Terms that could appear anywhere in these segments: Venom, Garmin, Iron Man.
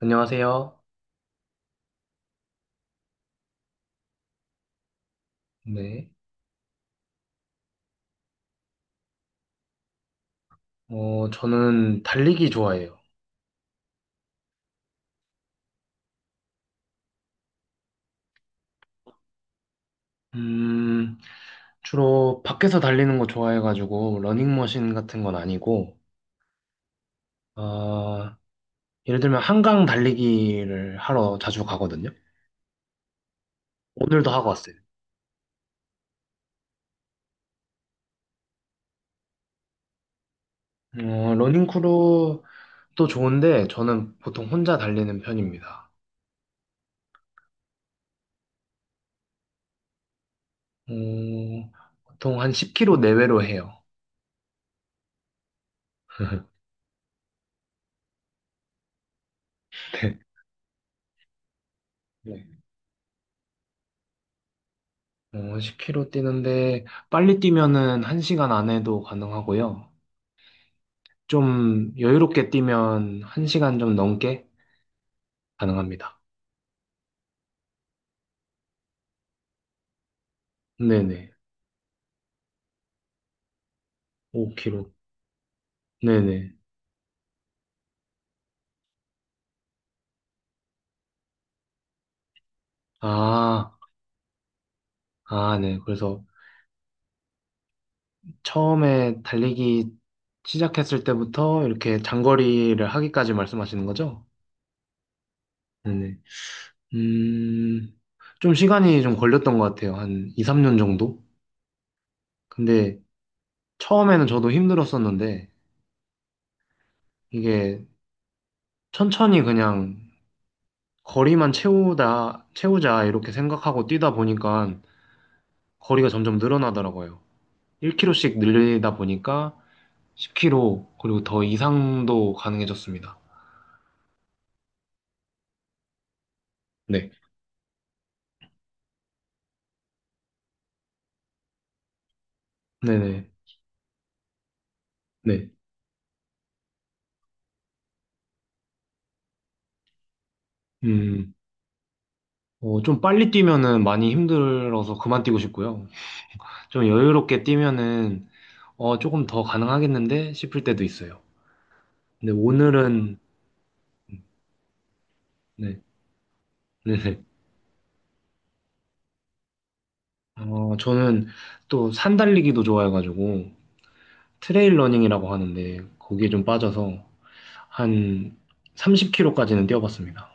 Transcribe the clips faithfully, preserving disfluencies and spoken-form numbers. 안녕하세요. 네. 어, 저는 달리기 좋아해요. 음, 주로 밖에서 달리는 거 좋아해가지고, 러닝머신 같은 건 아니고, 어, 예를 들면 한강 달리기를 하러 자주 가거든요. 오늘도 하고 왔어요. 어, 러닝크루도 좋은데, 저는 보통 혼자 달리는 편입니다. 어, 보통 한 십 킬로미터 내외로 해요. 네. 네. 어, 십 킬로미터 뛰는데, 빨리 뛰면은 한 시간 안에도 가능하고요. 좀 여유롭게 뛰면 한 시간 좀 넘게 가능합니다. 네네. 오 킬로미터. 네네. 아, 아, 네. 그래서 처음에 달리기 시작했을 때부터 이렇게 장거리를 하기까지 말씀하시는 거죠? 네네. 음, 좀 시간이 좀 걸렸던 것 같아요. 한 이, 삼 년 정도? 근데 처음에는 저도 힘들었었는데 이게 천천히 그냥 거리만 채우다, 채우자 이렇게 생각하고 뛰다 보니까 거리가 점점 늘어나더라고요. 일 킬로미터씩 늘리다 보니까 십 킬로미터, 그리고 더 이상도 가능해졌습니다. 네. 네네. 네. 음, 어, 좀 빨리 뛰면은 많이 힘들어서 그만 뛰고 싶고요. 좀 여유롭게 뛰면은, 어, 조금 더 가능하겠는데 싶을 때도 있어요. 근데 오늘은, 네. 네네. 어, 저는 또 산 달리기도 좋아해가지고, 트레일 러닝이라고 하는데, 거기에 좀 빠져서 한 삼십 킬로미터까지는 뛰어봤습니다.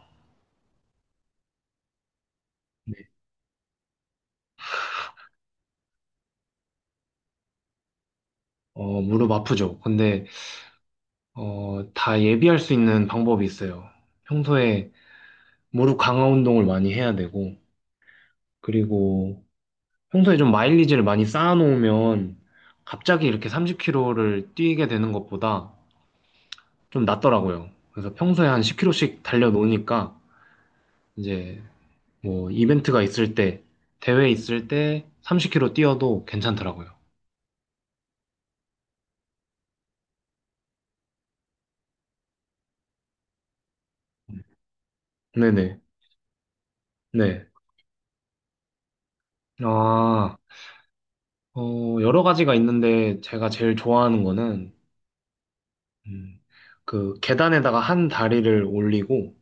네. 어, 무릎 아프죠. 근데, 어, 다 예비할 수 있는 방법이 있어요. 평소에 무릎 강화 운동을 많이 해야 되고, 그리고 평소에 좀 마일리지를 많이 쌓아놓으면 갑자기 이렇게 삼십 킬로미터를 뛰게 되는 것보다 좀 낫더라고요. 그래서 평소에 한 십 킬로미터씩 달려놓으니까 이제 뭐 이벤트가 있을 때, 대회 있을 때 삼십 킬로미터 뛰어도 괜찮더라고요. 네네. 네. 아, 어, 여러 가지가 있는데 제가 제일 좋아하는 거는 음, 그 계단에다가 한 다리를 올리고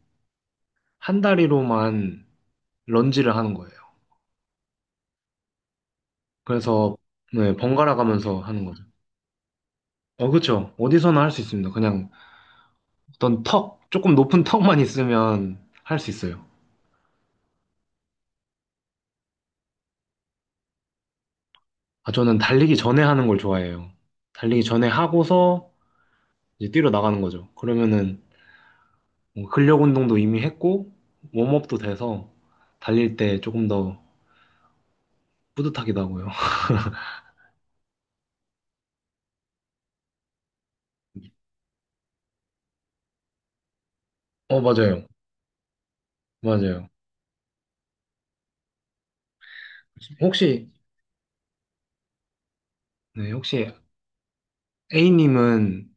한 다리로만 런지를 하는 거예요. 그래서 네, 번갈아 가면서 하는 거죠. 어, 그렇죠. 어디서나 할 수 있습니다. 그냥 어떤 턱, 조금 높은 턱만 있으면 할 수 있어요. 아, 저는 달리기 전에 하는 걸 좋아해요. 달리기 전에 하고서 이제 뛰러 나가는 거죠. 그러면은 뭐 근력 운동도 이미 했고 웜업도 돼서 달릴 때 조금 더 뿌듯하기도 하고요. 어, 맞아요. 맞아요. 혹시 네, 혹시 A님은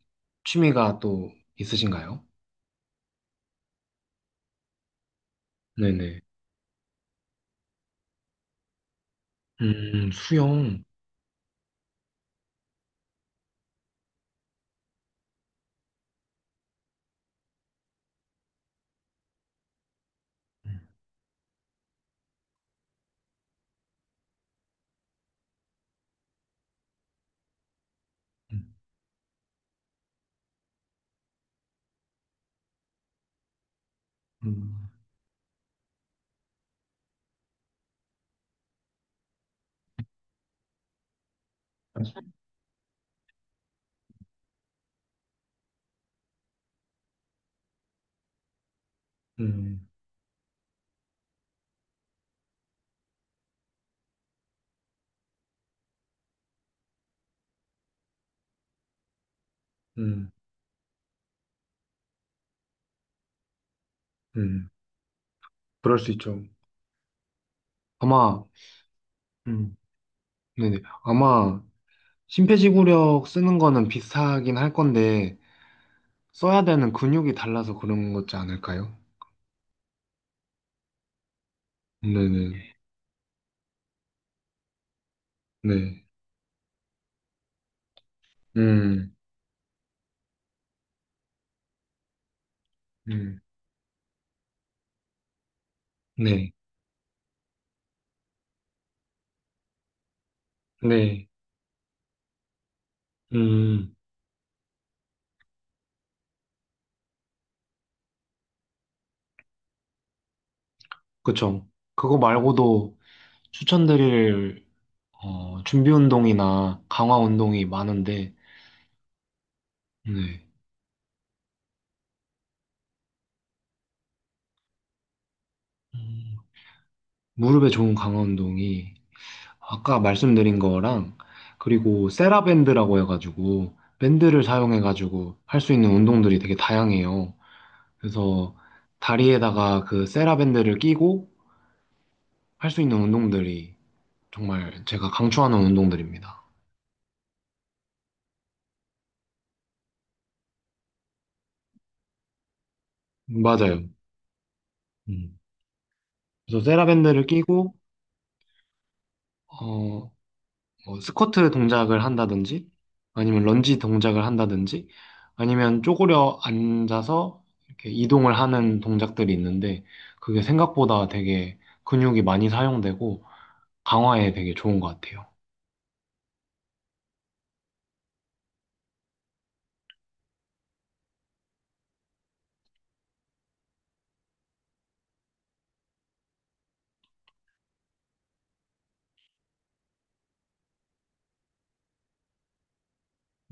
취미가 또 있으신가요? 네네. 음, 수영. 음, 음, 음, 음, 음. 그럴 수 있죠. 아마, 음, 네네. 아마, 심폐지구력 쓰는 거는 비슷하긴 할 건데, 써야 되는 근육이 달라서 그런 거지 않을까요? 네네. 네. 음, 음, 네. 네. 음, 그쵸. 그거 말고도 추천드릴 어, 준비 운동이나 강화 운동이 많은데, 네. 음, 무릎에 좋은 강화 운동이 아까 말씀드린 거랑 그리고 세라밴드라고 해가지고 밴드를 사용해가지고 할 수 있는 운동들이 되게 다양해요. 그래서 다리에다가 그 세라밴드를 끼고 할 수 있는 운동들이 정말 제가 강추하는 운동들입니다. 맞아요. 음. 그래서 세라밴드를 끼고 어, 뭐 스쿼트 동작을 한다든지 아니면 런지 동작을 한다든지 아니면 쪼그려 앉아서 이렇게 이동을 하는 동작들이 있는데 그게 생각보다 되게 근육이 많이 사용되고 강화에 되게 좋은 것 같아요.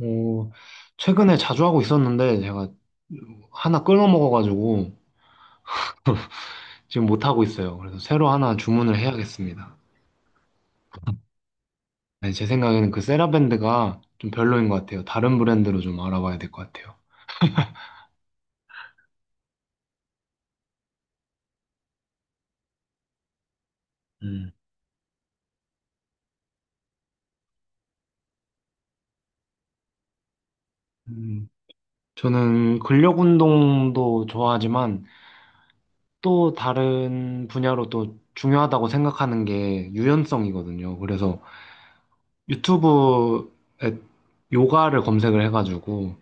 어, 최근에 자주 하고 있었는데 제가 하나 끊어 먹어가지고 지금 못 하고 있어요. 그래서 새로 하나 주문을 해야겠습니다. 네, 제 생각에는 그 세라밴드가 좀 별로인 것 같아요. 다른 브랜드로 좀 알아봐야 될 것 같아요. 음. 음, 저는 근력 운동도 좋아하지만 또 다른 분야로 또 중요하다고 생각하는 게 유연성이거든요. 그래서 유튜브에 요가를 검색을 해가지고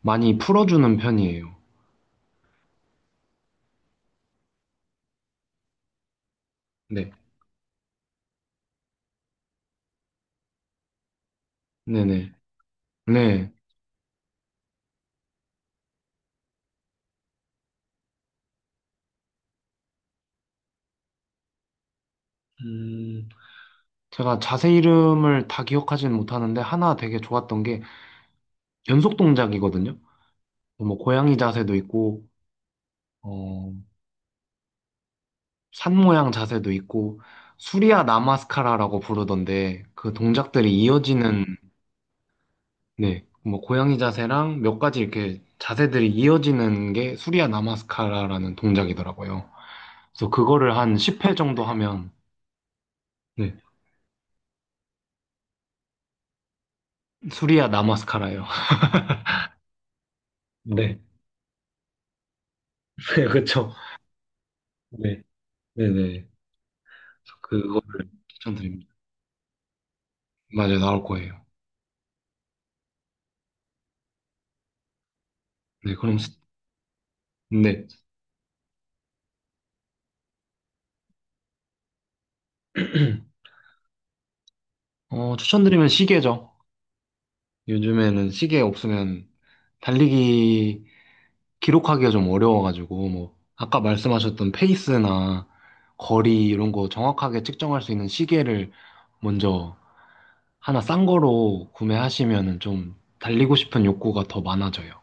많이 풀어주는 편이에요. 네. 네네. 네. 음, 제가 자세 이름을 다 기억하지는 못하는데 하나 되게 좋았던 게 연속 동작이거든요. 뭐 고양이 자세도 있고, 어, 산 모양 자세도 있고 수리아 나마스카라라고 부르던데 그 동작들이 이어지는 네, 뭐 고양이 자세랑 몇 가지 이렇게 자세들이 이어지는 게 수리아 나마스카라라는 동작이더라고요. 그래서 그거를 한 십 회 정도 하면 네, 수리아 나마스카라예요. 네, 네, 그렇죠. 네, 네, 네. 그래서 그거를 추천드립니다. 맞아요, 나올 거예요. 네, 그럼 스- 네. 어, 추천드리면 시계죠. 요즘에는 시계 없으면 달리기 기록하기가 좀 어려워가지고, 뭐, 아까 말씀하셨던 페이스나 거리 이런 거 정확하게 측정할 수 있는 시계를 먼저 하나 싼 거로 구매하시면은 좀 달리고 싶은 욕구가 더 많아져요.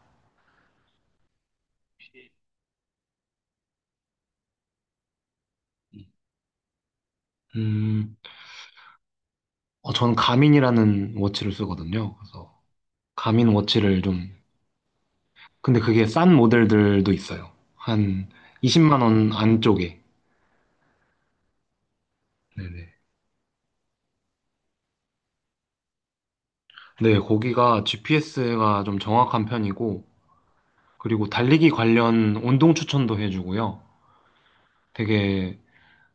음, 어, 저는 가민이라는 워치를 쓰거든요. 그래서 가민 워치를 좀, 근데 그게 싼 모델들도 있어요. 한 이십만 원 안쪽에. 네네. 네, 거기가 지피에스가 좀 정확한 편이고, 그리고 달리기 관련 운동 추천도 해주고요. 되게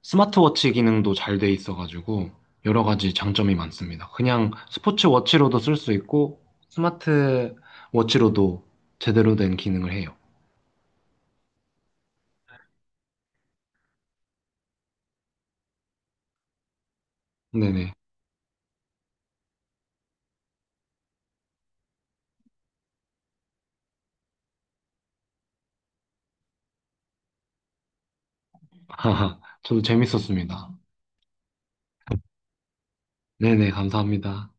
스마트워치 기능도 잘 돼 있어가지고 여러 가지 장점이 많습니다. 그냥 스포츠 워치로도 쓸 수 있고 스마트 워치로도 제대로 된 기능을 해요. 네네. 저도 재밌었습니다. 네네, 감사합니다.